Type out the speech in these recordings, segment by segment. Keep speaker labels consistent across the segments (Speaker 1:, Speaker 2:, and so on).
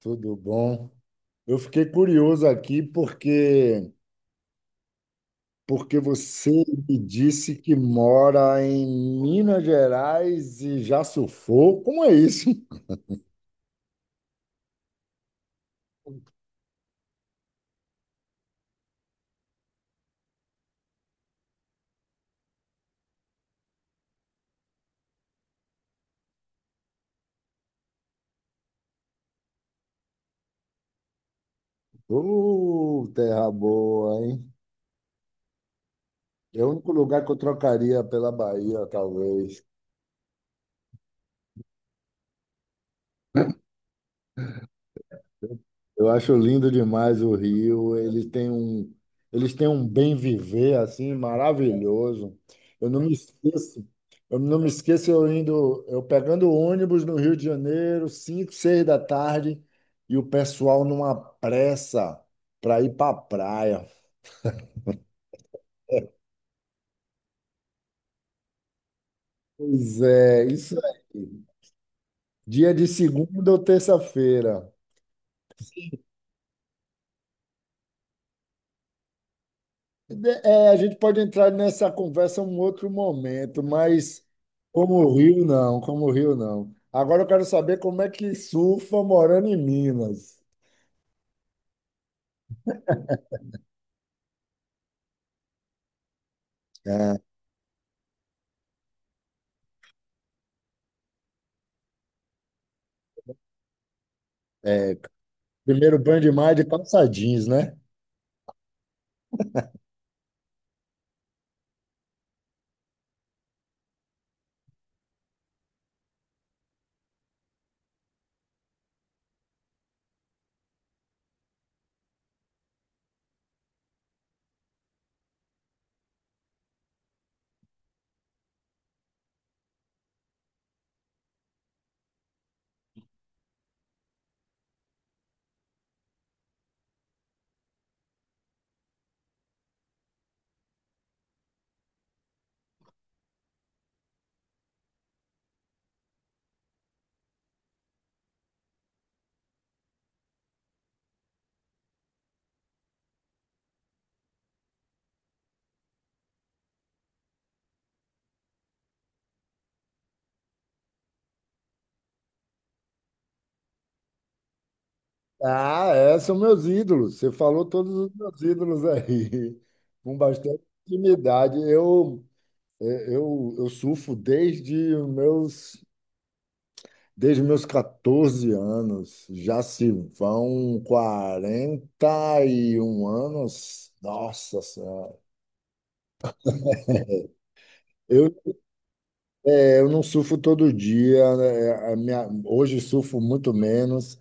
Speaker 1: Tudo bom? Eu fiquei curioso aqui porque você me disse que mora em Minas Gerais e já surfou. Como é isso? Ô, terra boa, hein? É o único lugar que eu trocaria pela Bahia, talvez. Eu acho lindo demais o Rio. Eles têm um bem viver assim maravilhoso. Eu não me esqueço. Eu não me esqueço eu indo, eu pegando ônibus no Rio de Janeiro, 5, 6 da tarde, e o pessoal numa pressa para ir para a praia. Pois é, isso aí. Dia de segunda ou terça-feira. É, a gente pode entrar nessa conversa em um outro momento, mas como o Rio, não, como o Rio, não. Agora eu quero saber como é que surfa morando em Minas. É, primeiro banho de mar é de calça jeans, né? Ah, é, são meus ídolos. Você falou todos os meus ídolos aí, com bastante intimidade. Eu surfo desde os meus Desde meus 14 anos, já se vão 41 anos. Nossa Senhora. Eu, eu não surfo todo dia, né? É, hoje surfo muito menos,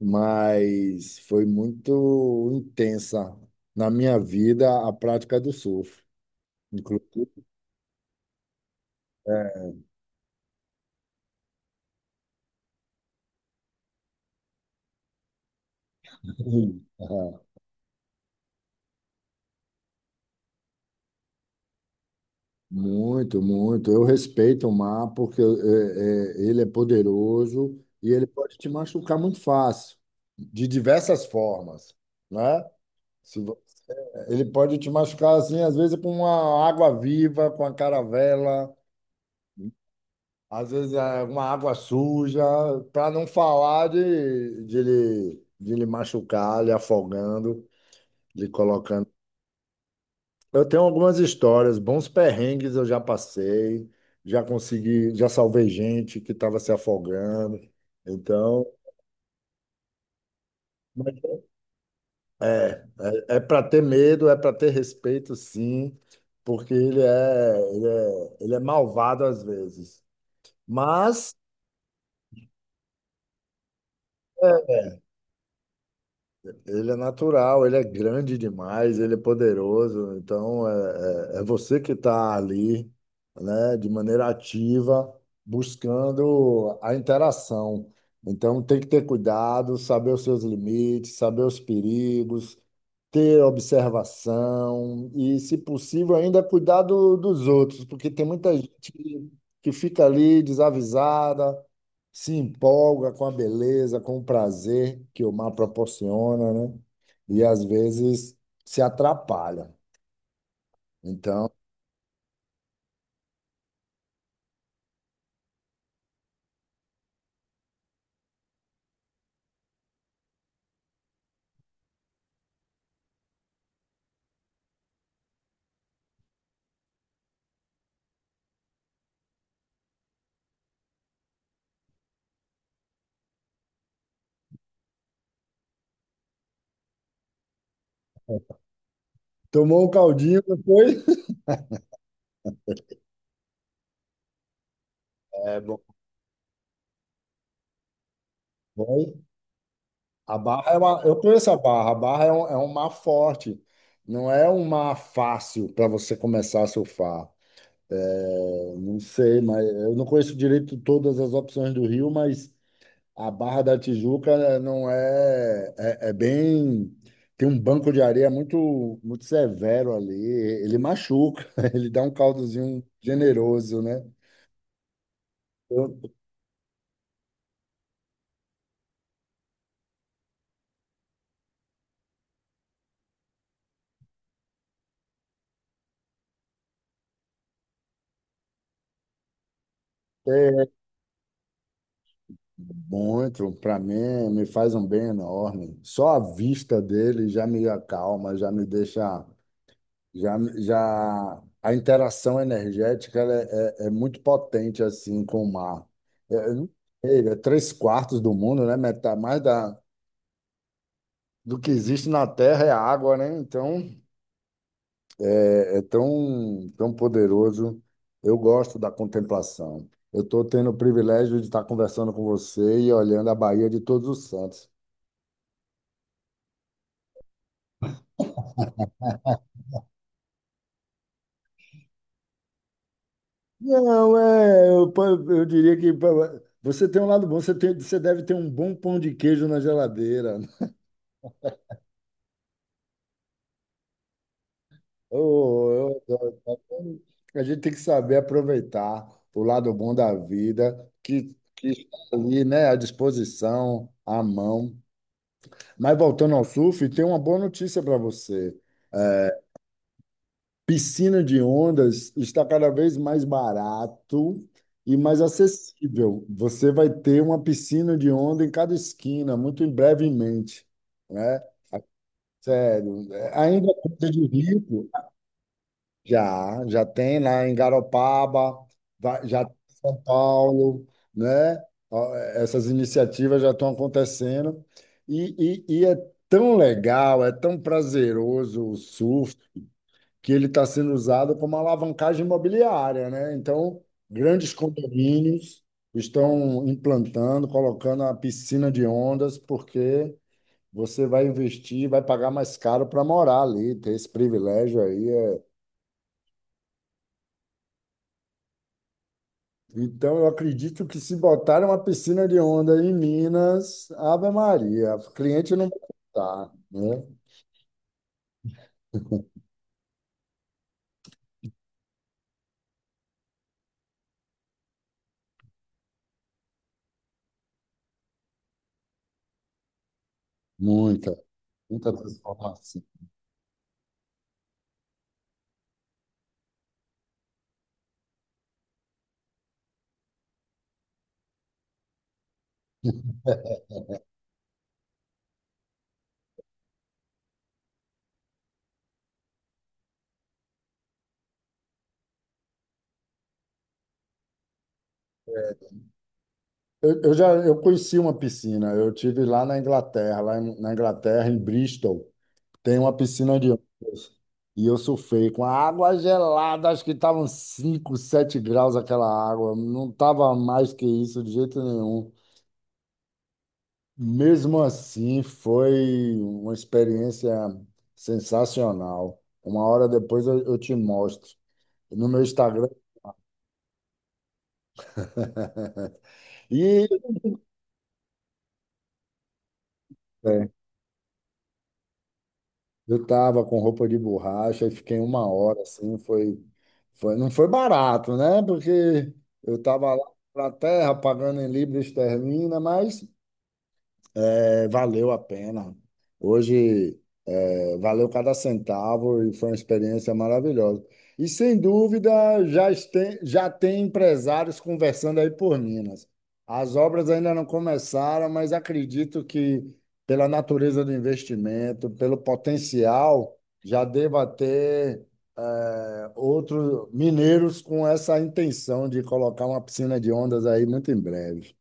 Speaker 1: mas foi muito intensa na minha vida a prática do surf. Inclusive, muito, muito. Eu respeito o mar porque ele é poderoso e ele pode te machucar muito fácil, de diversas formas, né? Se, vo- ele pode te machucar assim, às vezes com uma água viva, com a caravela, às vezes uma água suja, para não falar de lhe machucar, lhe afogando, lhe colocando. Eu tenho algumas histórias, bons perrengues eu já passei, já consegui, já salvei gente que estava se afogando. Então, é, para ter medo, é para ter respeito, sim, porque ele é malvado às vezes. Mas é, Ele é natural, ele é grande demais, ele é poderoso. Então, é você que está ali, né, de maneira ativa, buscando a interação. Então, tem que ter cuidado, saber os seus limites, saber os perigos, ter observação e, se possível, ainda cuidar dos outros, porque tem muita gente que fica ali desavisada se empolga com a beleza, com o prazer que o mar proporciona, né? E às vezes se atrapalha. Então, tomou um caldinho depois? É bom. Vai. A Barra é uma, eu conheço a Barra. A Barra é um mar forte. Não é um mar fácil para você começar a surfar. É, não sei, mas eu não conheço direito todas as opções do Rio, mas a Barra da Tijuca não é bem. Tem um banco de areia muito, muito severo ali. Ele machuca, ele dá um caldozinho generoso, né? Eu tenho muito, para mim, me faz um bem enorme. Só a vista dele já me acalma, já me deixa. Já, já... A interação energética ela é muito potente assim com o mar. É três quartos do mundo, né? Metade, mais da, do que existe na Terra é água, né? Então, é tão, tão poderoso. Eu gosto da contemplação. Eu estou tendo o privilégio de estar conversando com você e olhando a Bahia de Todos os Santos. Não, eu diria que você tem um lado bom, você tem, você deve ter um bom pão de queijo na geladeira. Oh, eu adoro. A gente tem que saber aproveitar o lado bom da vida, que está ali, né, à disposição, à mão. Mas voltando ao surf, tem uma boa notícia para você. É, Piscina de ondas está cada vez mais barato e mais acessível. Você vai ter uma piscina de onda em cada esquina, muito em brevemente, né? Sério, ainda é coisa de rico. Já, já tem lá em Garopaba, já tem em São Paulo, né? Ó, essas iniciativas já estão acontecendo e é tão legal, é tão prazeroso o surf que ele está sendo usado como alavancagem imobiliária, né? Então, grandes condomínios estão implantando, colocando a piscina de ondas, porque você vai investir, vai pagar mais caro para morar ali, ter esse privilégio aí é. Então, eu acredito que se botarem uma piscina de onda em Minas, Ave Maria, o cliente não vai faltar, né? Muita, muita transformação. Eu já eu conheci uma piscina, eu tive lá na Inglaterra, na Inglaterra, em Bristol, tem uma piscina de ondas. E eu surfei com a água gelada, acho que estavam 5, 7 graus aquela água, não estava mais que isso de jeito nenhum. Mesmo assim, foi uma experiência sensacional. Uma hora depois eu, te mostro no meu Instagram. E é, eu tava com roupa de borracha e fiquei uma hora assim, não foi barato, né? Porque eu tava lá na terra pagando em libra esterlina, mas valeu a pena. Hoje valeu cada centavo e foi uma experiência maravilhosa. E sem dúvida já tem empresários conversando aí por Minas. As obras ainda não começaram, mas acredito que pela natureza do investimento, pelo potencial, já deva ter outros mineiros com essa intenção de colocar uma piscina de ondas aí muito em breve.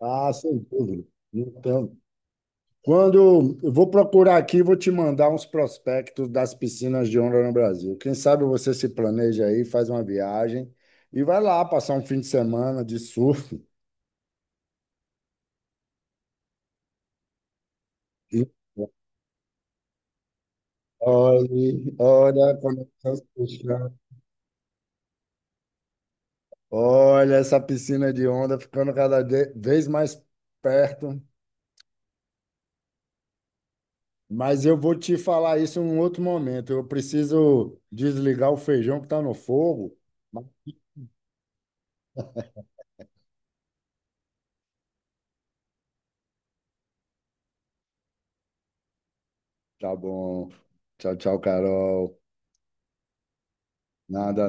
Speaker 1: Ah, sem dúvida. Não tenho. Quando eu vou procurar aqui, vou te mandar uns prospectos das piscinas de onda no Brasil. Quem sabe você se planeja aí, faz uma viagem e vai lá passar um fim de semana de surf. E Olha, como tá se puxando. Olha essa piscina de onda ficando cada vez mais perto. Mas eu vou te falar isso em um outro momento. Eu preciso desligar o feijão que está no fogo. Tá bom. Tchau, tchau, Carol. Nada.